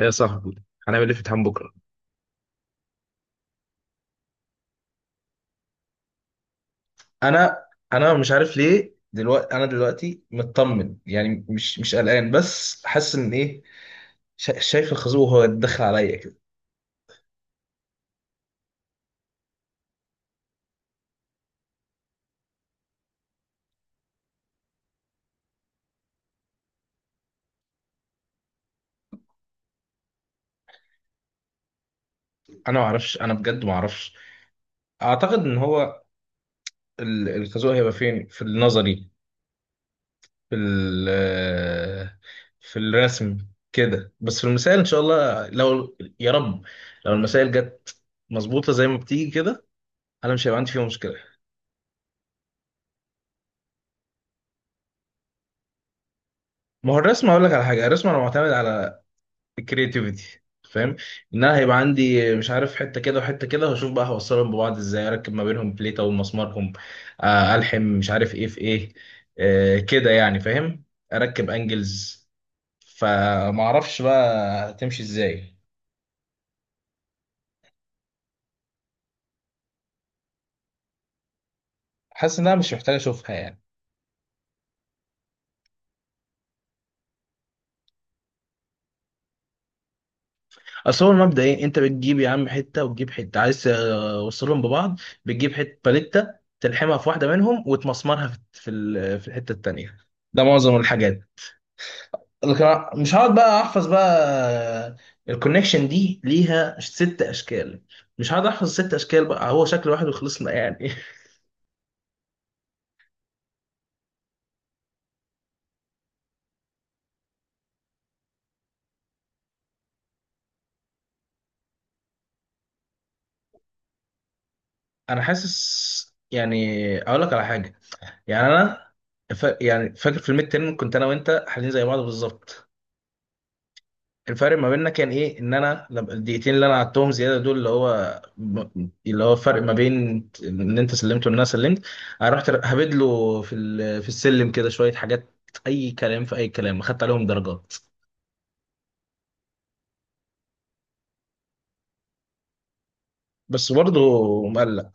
يا صاحبي، هنعمل ايه في امتحان بكره؟ انا انا مش عارف ليه دلوقتي. انا دلوقتي مطمن يعني مش قلقان، بس حاسس ان ايه. شايف الخازوق وهو داخل عليا كده. انا ما اعرفش، انا بجد ما اعرفش. اعتقد ان هو الخازوق هيبقى فين؟ في النظري، في ال- في الرسم كده، بس في المسائل ان شاء الله لو يا رب، لو المسائل جت مظبوطه زي ما بتيجي كده انا مش هيبقى عندي فيها مشكله. ما هو الرسم، اقول لك على حاجه، الرسم انا معتمد على الكرياتيفيتي، فاهم؟ ان انا هيبقى عندي مش عارف حته كده وحته كده واشوف بقى هوصلهم ببعض ازاي، اركب ما بينهم بليته ومسمارهم. الحم مش عارف ايه في ايه، كده يعني، فاهم؟ اركب انجلز، فما اعرفش بقى هتمشي ازاي. حاسس انها مش محتاج اشوفها يعني. اصل هو المبدا ايه؟ انت بتجيب يا عم حته وتجيب حته عايز توصلهم ببعض، بتجيب حته باليته، تلحمها في واحده منهم وتمسمرها في في الحته التانيه. ده معظم الحاجات، لكن أنا مش هقعد بقى احفظ بقى. الكونكشن دي ليها ست اشكال، مش هقعد احفظ ست اشكال، بقى هو شكل واحد وخلصنا يعني. انا حاسس يعني. اقول لك على حاجه، يعني انا يعني فاكر في الميد تيرم كنت انا وانت حالين زي بعض بالظبط. الفرق ما بيننا كان ايه؟ ان انا الدقيقتين اللي انا قعدتهم زياده دول، اللي هو اللي هو الفرق ما بين ان انت سلمت وان انا سلمت، انا رحت هبدله في السلم كده شويه حاجات، اي كلام في اي كلام، خدت عليهم درجات. بس برضه مقلق.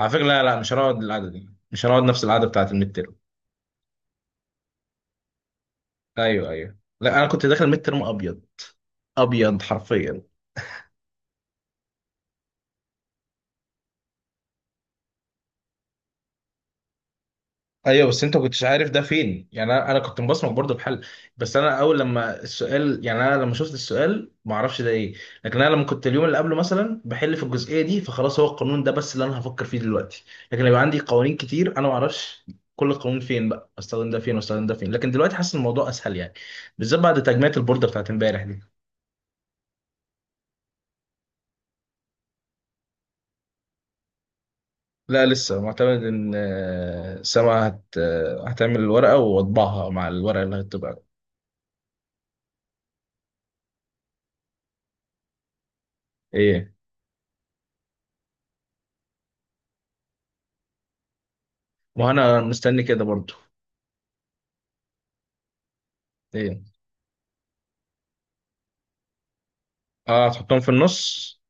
على فكره، لا، مش هنقعد القعده دي، مش هنقعد نفس القعده بتاعت الميد تيرم. ايوه ايوه، لا انا كنت داخل ميد تيرم ابيض، ابيض حرفيا. ايوه بس انت ما كنتش عارف ده فين يعني. انا كنت مبصمك برضه بحل. بس انا اول لما السؤال، يعني انا لما شفت السؤال ما اعرفش ده ايه، لكن انا لما كنت اليوم اللي قبله مثلا بحل في الجزئيه دي، فخلاص هو القانون ده بس اللي انا هفكر فيه دلوقتي. لكن لو عندي قوانين كتير انا ما اعرفش كل قانون فين بقى، استخدم ده فين واستخدم ده فين. لكن دلوقتي حاسس إن الموضوع اسهل يعني، بالذات بعد تجميعة البوردة بتاعت امبارح دي. لا لسه، معتمد ان سما هت... آه، هتعمل الورقه واطبعها مع الورقه اللي هتبقى. ايه. وانا مستني كده برضو. ايه. اه، هتحطهم في النص.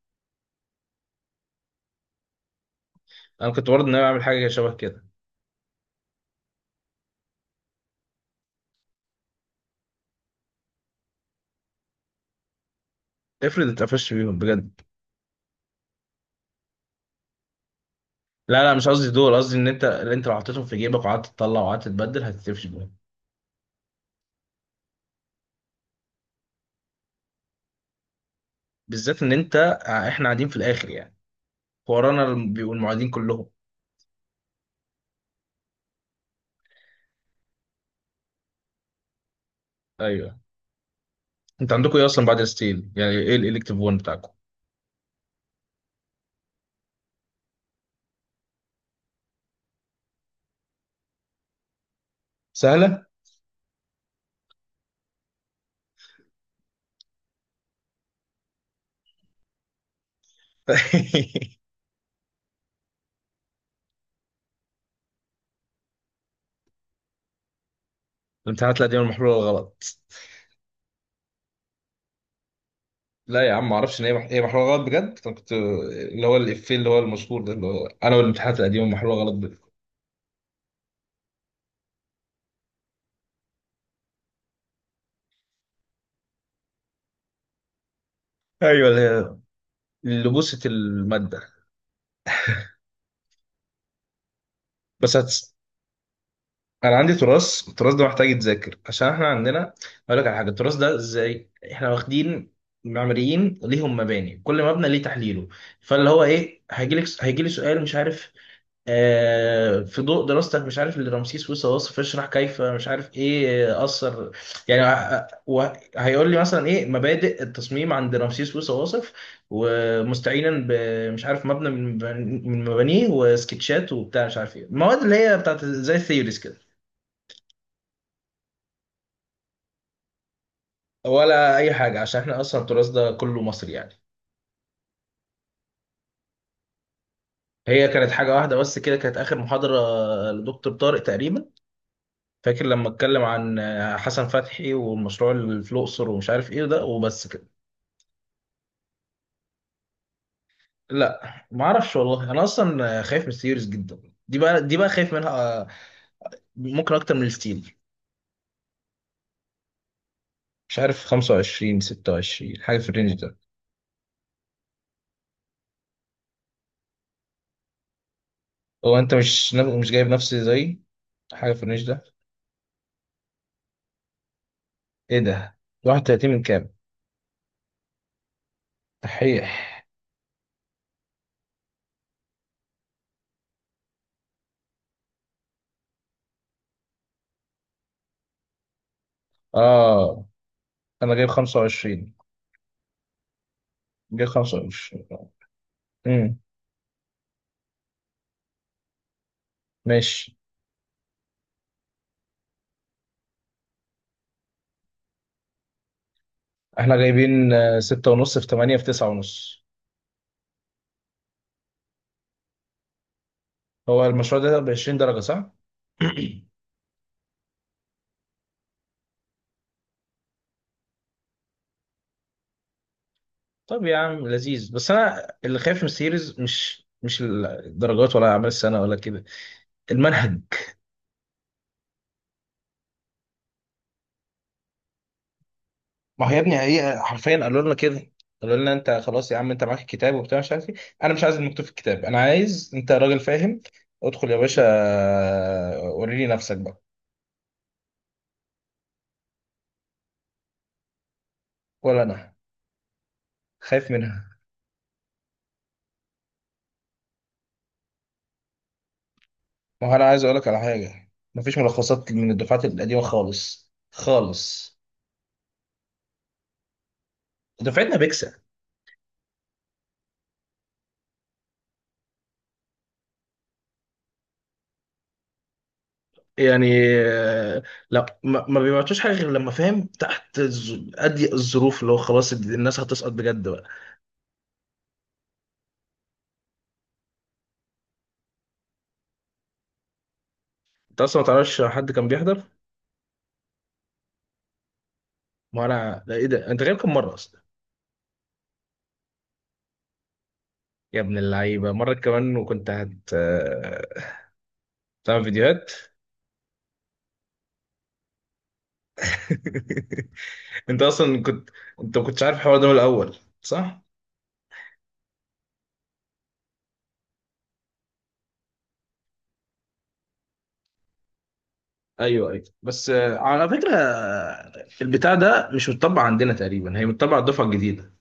انا كنت برضه ناوي اعمل حاجه شبه كده. افرض اتقفشت بيهم بجد. لا لا، مش قصدي دول، قصدي ان انت، اللي انت لو حطيتهم في جيبك وقعدت تطلع وقعدت تبدل هتتقفش بيهم. بالذات ان انت، احنا قاعدين في الاخر يعني، ورانا بيبقوا المعيدين كلهم. ايوه. انت عندكم ايه اصلا بعد الستيل؟ يعني ايه الالكتيف 1 بتاعكم؟ سهله. الامتحانات القديمة المحلولة الغلط. لا يا عم، ما اعرفش ان هي هي محلوله غلط بجد. انا كنت اللي هو الافيه اللي هو المشهور ده، اللي هو انا والامتحانات القديمه محلوله غلط بجد. ايوه اللي هي، اللي بوست الماده. بس هتس... انا عندي تراث، التراث ده محتاج يتذاكر عشان احنا عندنا، اقول لك على حاجه، التراث ده ازاي؟ احنا واخدين معماريين ليهم مباني، كل مبنى ليه تحليله، فاللي هو ايه، هيجي لك هيجي لي سؤال مش عارف، في ضوء دراستك مش عارف اللي رمسيس موسى واصف، اشرح كيف مش عارف ايه، اثر يعني، هيقول لي مثلا ايه مبادئ التصميم عند رمسيس موسى واصف، ومستعينا بمش عارف مبنى من مبانيه وسكتشات وبتاع مش عارف ايه. المواد اللي هي بتاعت زي الثيوريز كده ولا اي حاجه، عشان احنا اصلا التراث ده كله مصري يعني. هي كانت حاجه واحده بس كده، كانت اخر محاضره لدكتور طارق تقريبا، فاكر لما اتكلم عن حسن فتحي والمشروع اللي في الاقصر ومش عارف ايه ده، وبس كده. لا ما اعرفش والله، انا اصلا خايف من السيريز جدا دي بقى، دي بقى خايف منها، ممكن اكتر من الستيل. مش عارف، 25 26 حاجه في الرينج ده. هو انت مش جايب نفسي زي، حاجه في الرينج ده؟ ايه ده، 31 من كام؟ تحيح. اه، انا جايب 25، جايب 25. امم. ماشي. احنا جايبين ستة ونص في 8 في 9 ونص. هو المشروع ده ب 20 درجة صح؟ طب يا عم لذيذ، بس انا اللي خايف من السيريز، مش الدرجات ولا اعمال السنه ولا كده، المنهج. ما هو يا ابني هي حرفيا قالوا لنا كده، قالوا لنا انت خلاص يا عم، انت معاك الكتاب وبتاع مش عارف ايه، انا مش عايز المكتوب في الكتاب، انا عايز انت راجل فاهم، ادخل يا باشا وريني نفسك بقى. ولا انا خايف منها. ما هو انا عايز اقول لك على حاجه، مفيش ملخصات من الدفعات القديمه خالص خالص. دفعتنا يعني، آه، لا، ما بيبعتوش حاجه غير لما فاهم تحت اضيق الظروف، اللي هو خلاص الناس هتسقط بجد بقى. انت اصلا ما تعرفش حد كان بيحضر. ما انا لا، ايه ده، انت غايب كم مره اصلا؟ يا ابن اللعيبه، مره كمان وكنت هت آه، تعمل فيديوهات. انت اصلا كنت، انت ما كنتش عارف الحوار ده من الاول صح. ايوه ايوه، بس على فكره، البتاع ده مش متطبق عندنا تقريبا، هي متطبق على الدفعه الجديده.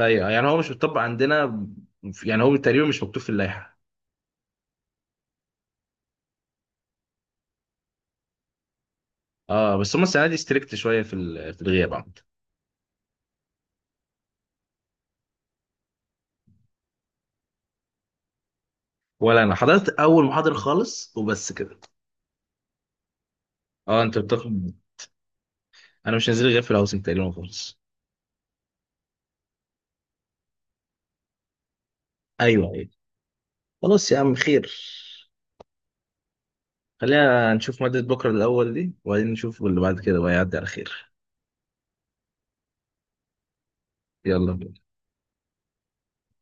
ايوه يعني هو مش بيطبق عندنا يعني هو تقريبا مش مكتوب في اللائحه. اه بس هم السنه دي ستريكت شويه في الغياب عامه. ولا انا حضرت اول محاضره خالص وبس كده. اه انت بتاخد. انا مش نازل غير في الهاوسنج تقريبا خالص. ايوه ايوه. خلاص يا عم خير. خلينا نشوف ماده بكره الاول دي، وبعدين نشوف اللي بعد كده بقى، يعدي على خير. يلا بينا.